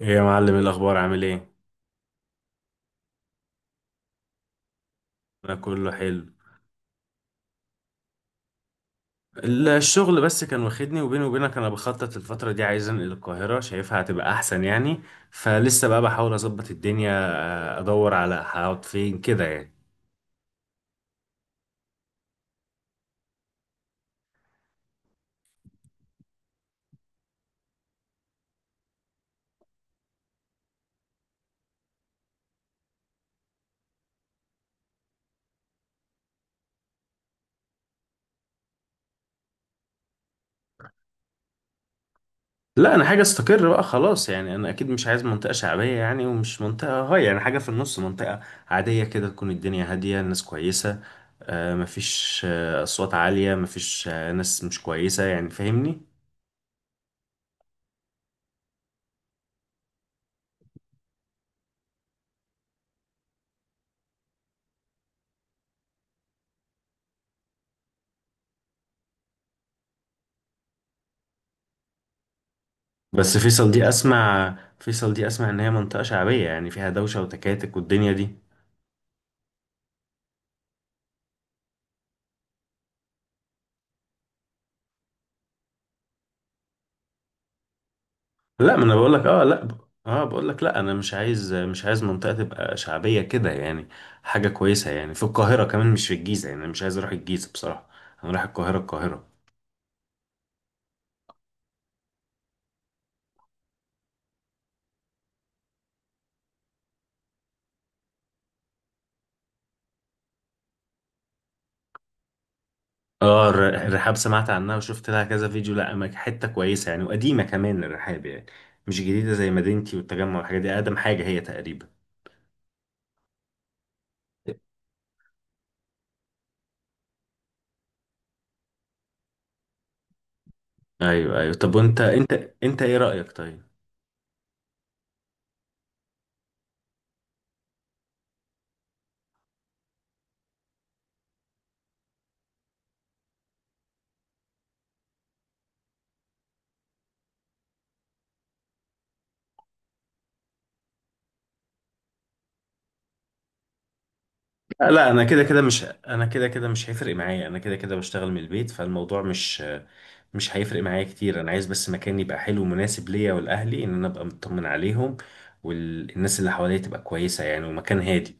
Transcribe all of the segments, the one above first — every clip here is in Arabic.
ايه يا معلم، إيه الاخبار؟ عامل ايه؟ انا كله حلو. الشغل بس كان واخدني، وبيني وبينك انا بخطط الفتره دي عايز انقل القاهره، شايفها هتبقى احسن يعني. فلسه بقى بحاول اظبط الدنيا. ادور على هقعد فين كده يعني. لا انا حاجه استقر بقى خلاص يعني، انا اكيد مش عايز منطقه شعبيه يعني، ومش منطقه هاي يعني، حاجه في النص، منطقه عاديه كده، تكون الدنيا هاديه، الناس كويسه. مفيش اصوات عاليه، مفيش ناس مش كويسه، يعني فاهمني. بس فيصل دي اسمع، ان هي منطقة شعبية، يعني فيها دوشة وتكاتك والدنيا دي. لا ما انا بقول لك، اه لا ب... اه بقول لك لا، انا مش عايز منطقة تبقى شعبية كده يعني. حاجة كويسة، يعني في القاهرة كمان، مش في الجيزة يعني، انا مش عايز اروح الجيزة بصراحة. انا رايح القاهرة. اه الرحاب سمعت عنها، وشفت لها كذا فيديو، لا أما حتة كويسة يعني، وقديمة كمان الرحاب يعني، مش جديدة زي مدينتي والتجمع والحاجات دي، اقدم حاجة هي تقريبا. ايوه ايوه، طب وانت، انت ايه رأيك؟ طيب لا انا كده كده مش هيفرق معايا، انا كده كده بشتغل من البيت، فالموضوع مش هيفرق معايا كتير. انا عايز بس مكان يبقى حلو ومناسب ليا ولاهلي، ان انا ابقى مطمن عليهم، والناس اللي حواليا تبقى كويسة يعني، ومكان هادي.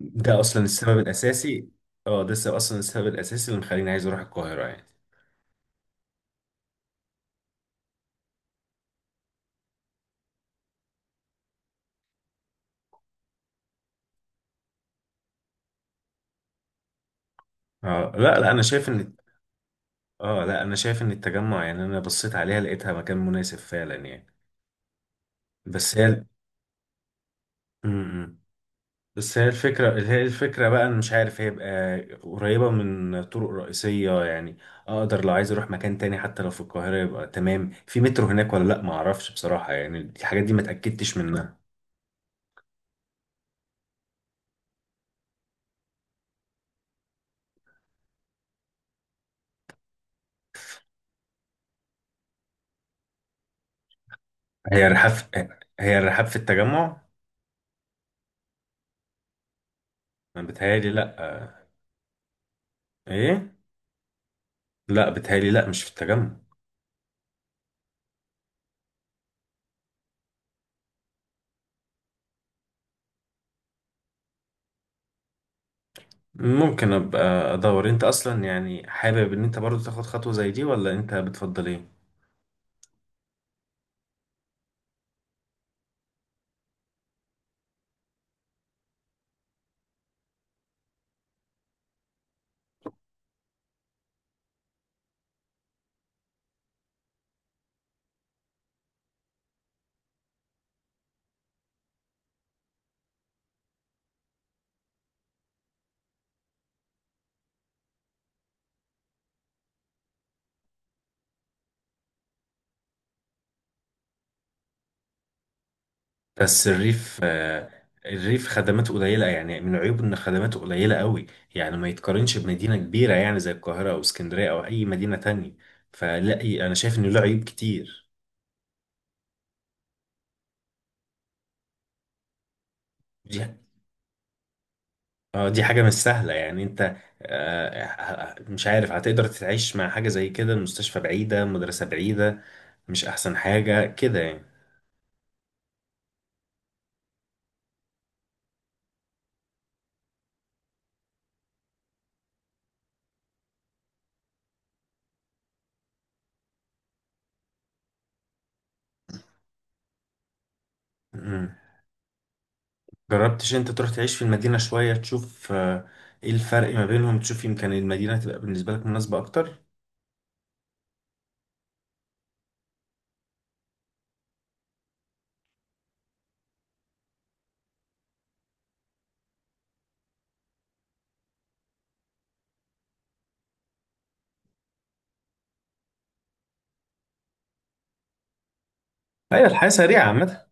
ده اصلا السبب الاساسي. اه اصلا السبب الاساسي اللي مخليني عايز اروح القاهرة يعني. اه لا لا انا شايف ان اه لا انا شايف ان التجمع، يعني انا بصيت عليها لقيتها مكان مناسب فعلا يعني. بس هي م- م. بس هي الفكرة، بقى أنا مش عارف هيبقى قريبة من طرق رئيسية يعني، أقدر لو عايز أروح مكان تاني حتى لو في القاهرة يبقى تمام. في مترو هناك ولا لأ معرفش بصراحة، يعني الحاجات دي ما اتأكدتش منها. هي الرحاب في- هي الرحاب في التجمع؟ أنا بتهيألي لأ. إيه؟ لأ بتهيألي لأ، مش في التجمع. ممكن أبقى أدور. أنت أصلا يعني حابب إن أنت برضو تاخد خطوة زي دي، ولا أنت بتفضل إيه؟ بس الريف، الريف خدماته قليلة، يعني من عيوبه إن خدماته قليلة قوي، يعني ما يتقارنش بمدينة كبيرة يعني زي القاهرة أو اسكندرية أو أي مدينة تانية. فلا أنا شايف إنه له عيوب كتير. دي اه دي حاجة مش سهلة يعني، أنت مش عارف هتقدر تتعيش مع حاجة زي كده، المستشفى بعيدة، مدرسة بعيدة، مش أحسن حاجة كده يعني. مم. جربتش أنت تروح تعيش في المدينة شوية تشوف، إيه الفرق ما بينهم، تشوف يمكن المدينة تبقى بالنسبة لك مناسبة أكتر. ايوه، الحياه سريعه عامه.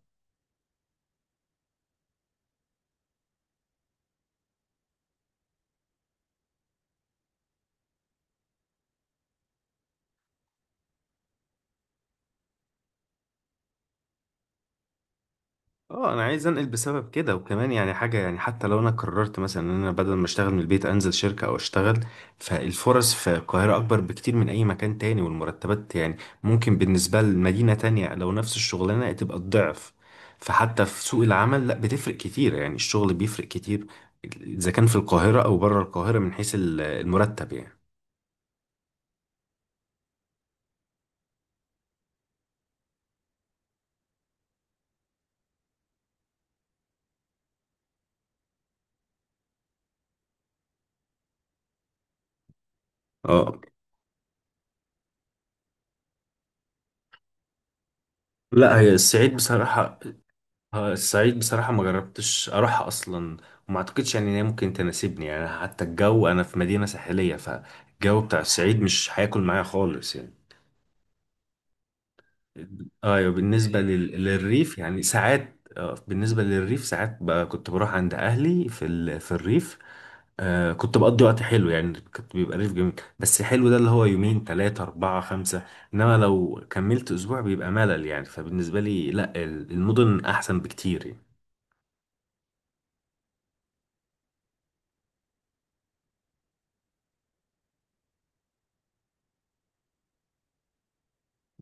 اه انا عايز انقل بسبب كده، وكمان يعني حاجه، يعني حتى لو انا قررت مثلا ان انا بدل ما اشتغل من البيت انزل شركه او اشتغل، فالفرص في القاهره اكبر بكتير من اي مكان تاني، والمرتبات يعني ممكن بالنسبه لمدينه تانية لو نفس الشغلانه تبقى الضعف. فحتى في سوق العمل، لا بتفرق كتير يعني، الشغل بيفرق كتير اذا كان في القاهره او بره القاهره، من حيث المرتب يعني. اه لا هي الصعيد بصراحة، الصعيد بصراحة ما جربتش أروحها أصلا، وما أعتقدش يعني إن هي ممكن تناسبني يعني، حتى الجو، أنا في مدينة ساحلية فالجو بتاع الصعيد مش هياكل معايا خالص يعني. أيوة بالنسبة للريف يعني ساعات، بالنسبة للريف ساعات بقى كنت بروح عند أهلي في الريف. آه كنت بقضي وقت حلو يعني، كنت بيبقى ريف جميل، بس حلو ده اللي هو يومين تلاتة أربعة خمسة، إنما لو كملت أسبوع بيبقى ملل يعني، فبالنسبة لي لأ المدن أحسن بكتير يعني.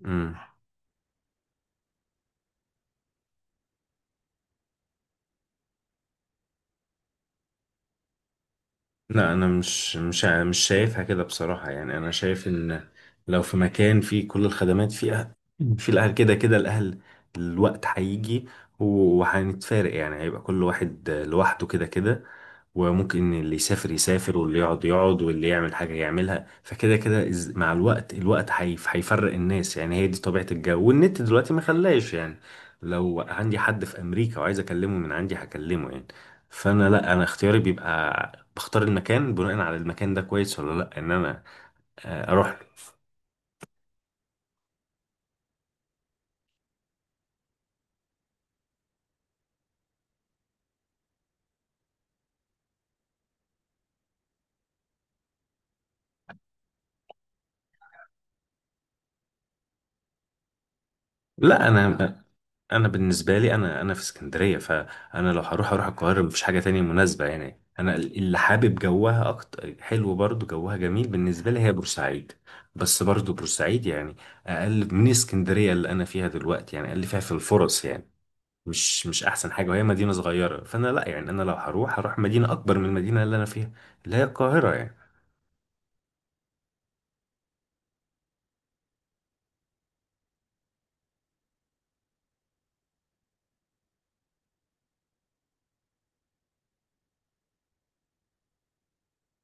مم. لا انا مش شايفها كده بصراحة يعني، انا شايف ان لو في مكان فيه كل الخدمات فيها، في الاهل، كده كده الاهل الوقت هيجي وهنتفارق يعني، هيبقى كل واحد لوحده كده كده، وممكن اللي يسافر يسافر واللي يقعد يقعد واللي يعمل حاجة يعملها، فكده كده مع الوقت الوقت هيفرق الناس يعني، هي دي طبيعة الجو والنت دلوقتي ما خلاش يعني، لو عندي حد في أمريكا وعايز أكلمه من عندي هكلمه يعني. فأنا لا أنا اختياري بيبقى بختار المكان بناء على المكان ده كويس ولا لا، إن أنا أروح له. لا أنا، انا بالنسبه لي، انا في اسكندريه، فانا لو هروح اروح القاهره، مفيش حاجه تانية مناسبه يعني، انا اللي حابب جوها اكتر حلو برضو جوها جميل بالنسبه لي هي بورسعيد، بس برضو بورسعيد يعني اقل من اسكندريه اللي انا فيها دلوقتي يعني، اقل فيها في الفرص يعني، مش احسن حاجه، وهي مدينه صغيره، فانا لا يعني انا لو هروح هروح مدينه اكبر من المدينه اللي انا فيها، اللي هي القاهره يعني.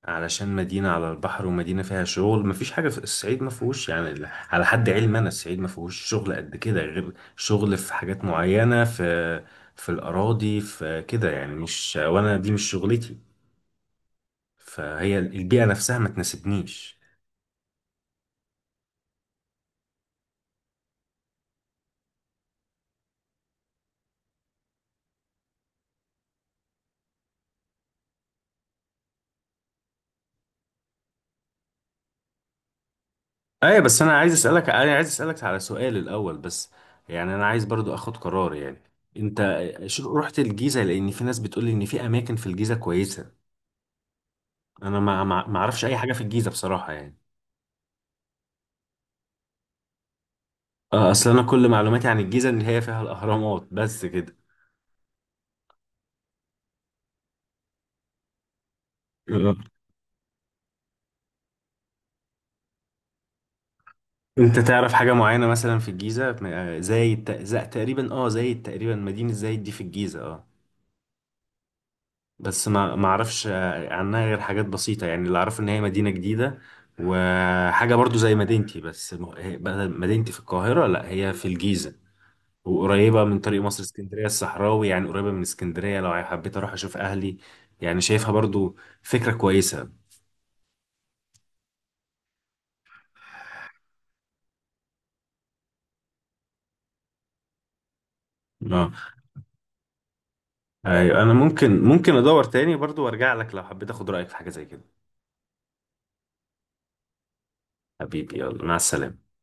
علشان مدينة على البحر، ومدينة فيها شغل، مفيش حاجة في الصعيد ما فيهوش يعني، على حد علمي أنا الصعيد ما فيهوش شغل قد كده، غير شغل في حاجات معينة، في في الأراضي في كده يعني، مش، وأنا دي مش شغلتي، فهي البيئة نفسها ما تناسبنيش. أيوة بس أنا عايز أسألك، على سؤال الأول بس، يعني أنا عايز برضو أخد قرار يعني. أنت رحت الجيزة؟ لأن في ناس بتقولي إن في أماكن في الجيزة كويسة، أنا ما أعرفش أي حاجة في الجيزة بصراحة يعني. اصل انا كل معلوماتي عن الجيزه ان هي فيها الاهرامات بس كده. آه. انت تعرف حاجه معينه مثلا في الجيزه، آه، زايد ت- زا- تقريبا اه زايد تقريبا، مدينه زايد دي في الجيزه اه، بس ما اعرفش عنها غير حاجات بسيطه يعني، اللي اعرفه ان هي مدينه جديده، وحاجه برضو زي مدينتي، بس بدل مدينتي في القاهره لا هي في الجيزه، وقريبه من طريق مصر اسكندريه الصحراوي يعني، قريبه من اسكندريه لو حبيت اروح اشوف اهلي، يعني شايفها برضو فكره كويسه. اه ايوه انا ممكن ادور تاني برضو وارجع لك لو حبيت اخد رايك في حاجه زي كده. حبيبي يلا مع السلامه.